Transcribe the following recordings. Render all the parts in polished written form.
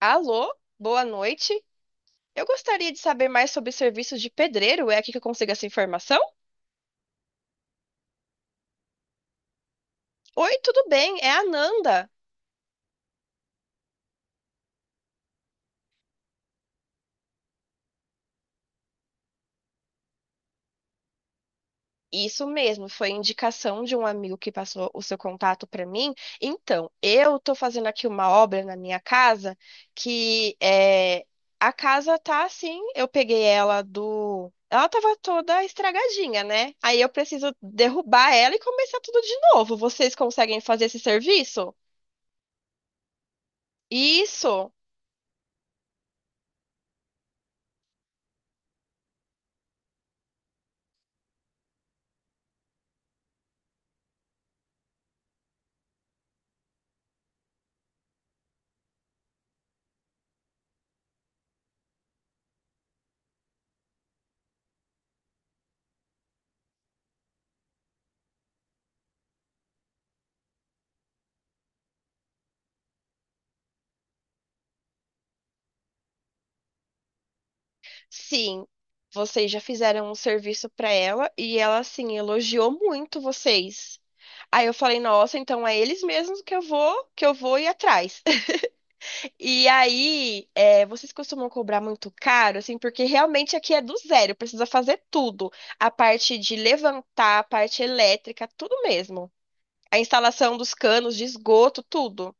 Alô, boa noite. Eu gostaria de saber mais sobre serviços de pedreiro. É aqui que eu consigo essa informação? Oi, tudo bem? É a Nanda. Isso mesmo, foi indicação de um amigo que passou o seu contato para mim. Então, eu estou fazendo aqui uma obra na minha casa que é, a casa tá assim, eu peguei ela do. Ela tava toda estragadinha, né? Aí eu preciso derrubar ela e começar tudo de novo. Vocês conseguem fazer esse serviço? Isso. Sim, vocês já fizeram um serviço pra ela e ela, assim, elogiou muito vocês. Aí eu falei, nossa, então é eles mesmos que eu vou ir atrás. E aí, é, vocês costumam cobrar muito caro, assim, porque realmente aqui é do zero, precisa fazer tudo. A parte de levantar, a parte elétrica, tudo mesmo. A instalação dos canos de esgoto, tudo.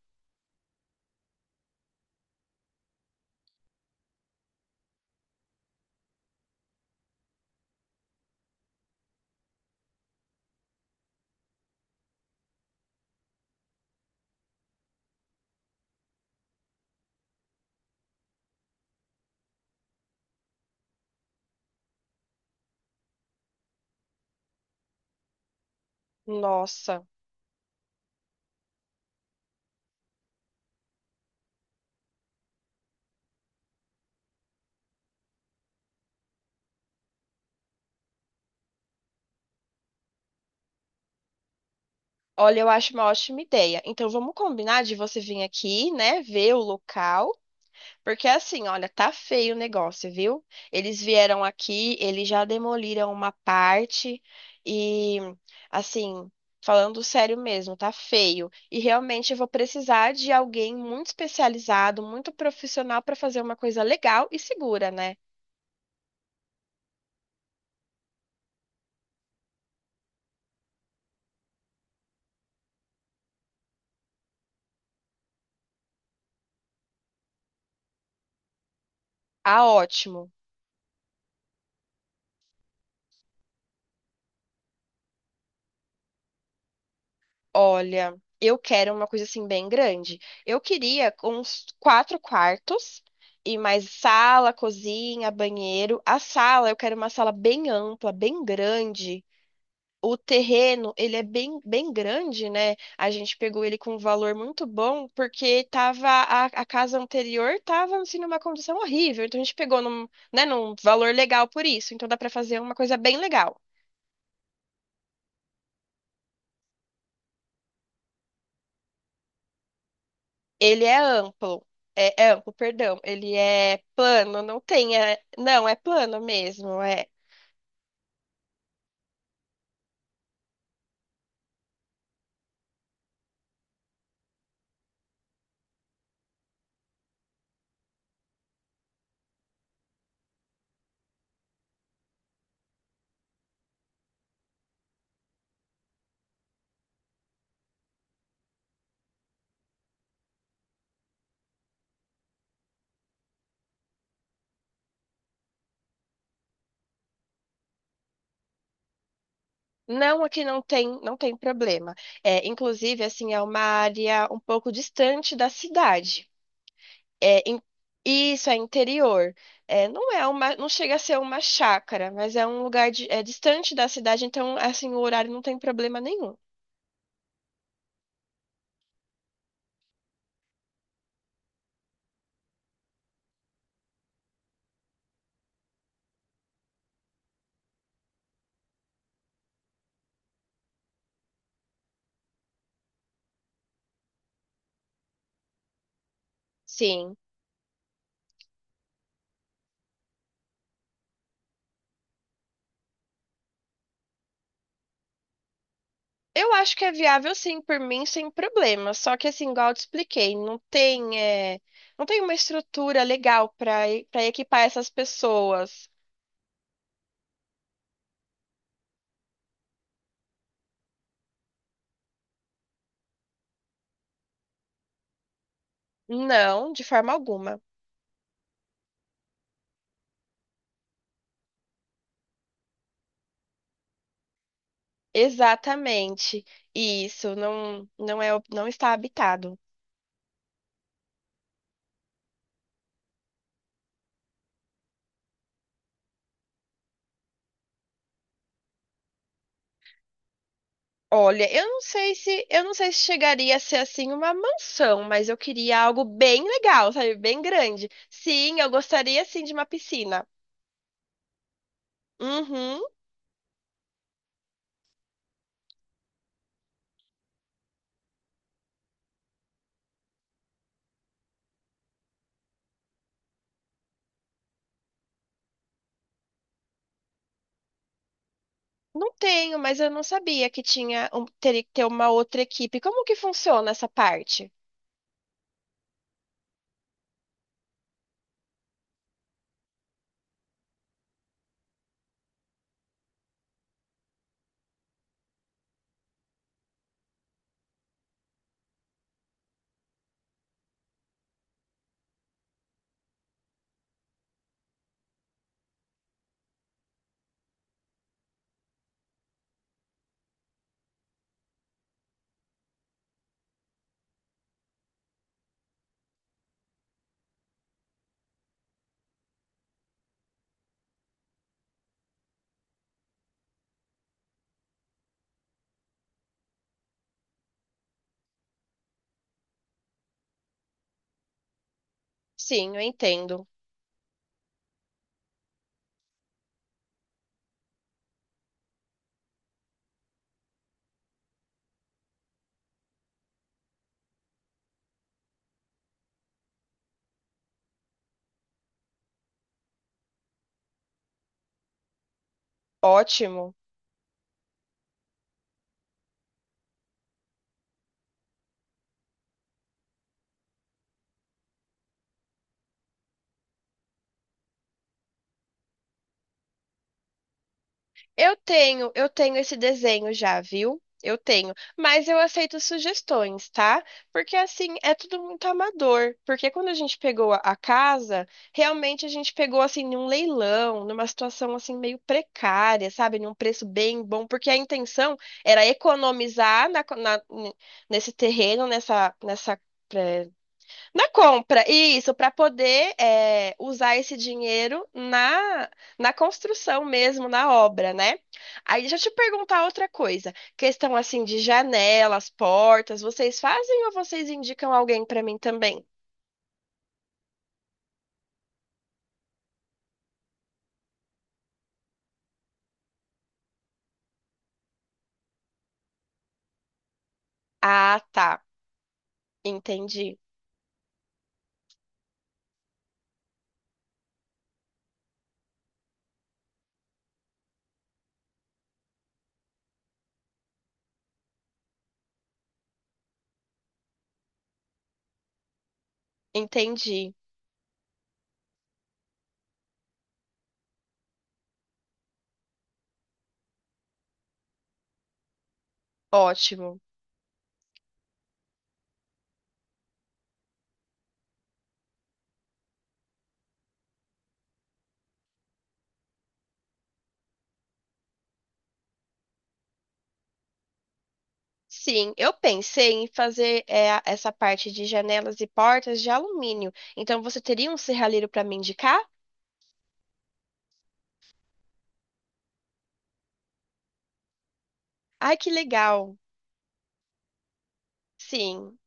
Nossa, olha, eu acho uma ótima ideia. Então vamos combinar de você vir aqui, né, ver o local. Porque assim, olha, tá feio o negócio, viu? Eles vieram aqui, eles já demoliram uma parte e, assim, falando sério mesmo, tá feio. E realmente eu vou precisar de alguém muito especializado, muito profissional para fazer uma coisa legal e segura, né? Ah, ótimo. Olha, eu quero uma coisa assim bem grande. Eu queria uns quatro quartos e mais sala, cozinha, banheiro. A sala, eu quero uma sala bem ampla, bem grande. O terreno, ele é bem, bem grande, né? A gente pegou ele com um valor muito bom, porque tava a casa anterior tava assim, numa condição horrível. Então a gente pegou num, né, num valor legal por isso. Então dá para fazer uma coisa bem legal. Ele é amplo. É, é amplo, perdão. Ele é plano, não tem. É- não, é plano mesmo. É. Não, aqui não tem, não tem problema. É, inclusive, assim, é uma área um pouco distante da cidade. É, in- isso é interior. É, não é uma, não chega a ser uma chácara, mas é um lugar de- é distante da cidade, então, assim, o horário não tem problema nenhum. Sim. Eu acho que é viável sim, por mim, sem problema. Só que assim, igual eu te expliquei, não tem, é, não tem uma estrutura legal para equipar essas pessoas. Não, de forma alguma. Exatamente. Isso não não é não está habitado. Olha, eu não sei se eu não sei se chegaria a ser assim uma mansão, mas eu queria algo bem legal, sabe? Bem grande. Sim, eu gostaria sim de uma piscina. Uhum. Não tenho, mas eu não sabia que tinha um- teria que ter uma outra equipe. Como que funciona essa parte? Sim, eu entendo. Ótimo. Eu tenho esse desenho já, viu? Eu tenho, mas eu aceito sugestões, tá? Porque assim, é tudo muito amador. Porque quando a gente pegou a casa, realmente a gente pegou assim num leilão, numa situação assim meio precária, sabe? Num preço bem bom, porque a intenção era economizar na co- na- n- nesse terreno, nessa, nessa eh, na compra, isso, para poder é, usar esse dinheiro na, na construção mesmo, na obra, né? Aí deixa eu te perguntar outra coisa. Questão assim de janelas, portas, vocês fazem ou vocês indicam alguém para mim também? Ah, tá. Entendi. Entendi. Ótimo. Sim, eu pensei em fazer é, a- essa parte de janelas e portas de alumínio. Então você teria um serralheiro para me indicar? Ai, que legal. Sim.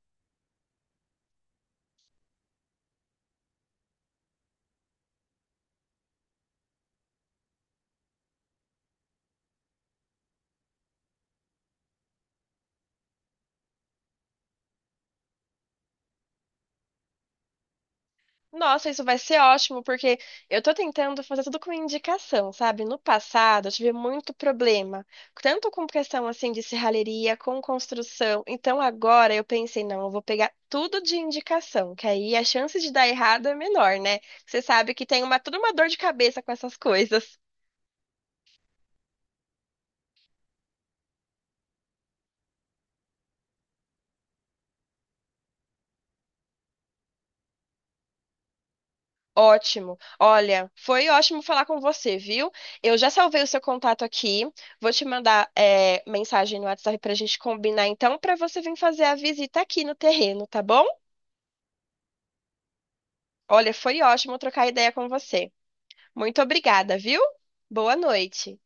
Nossa, isso vai ser ótimo, porque eu tô tentando fazer tudo com indicação, sabe? No passado, eu tive muito problema, tanto com questão assim de serralheria, com construção. Então agora eu pensei, não, eu vou pegar tudo de indicação, que aí a chance de dar errado é menor, né? Você sabe que tem uma toda uma dor de cabeça com essas coisas. Ótimo. Olha, foi ótimo falar com você, viu? Eu já salvei o seu contato aqui. Vou te mandar é, mensagem no WhatsApp para a gente combinar, então, para você vir fazer a visita aqui no terreno, tá bom? Olha, foi ótimo trocar ideia com você. Muito obrigada, viu? Boa noite.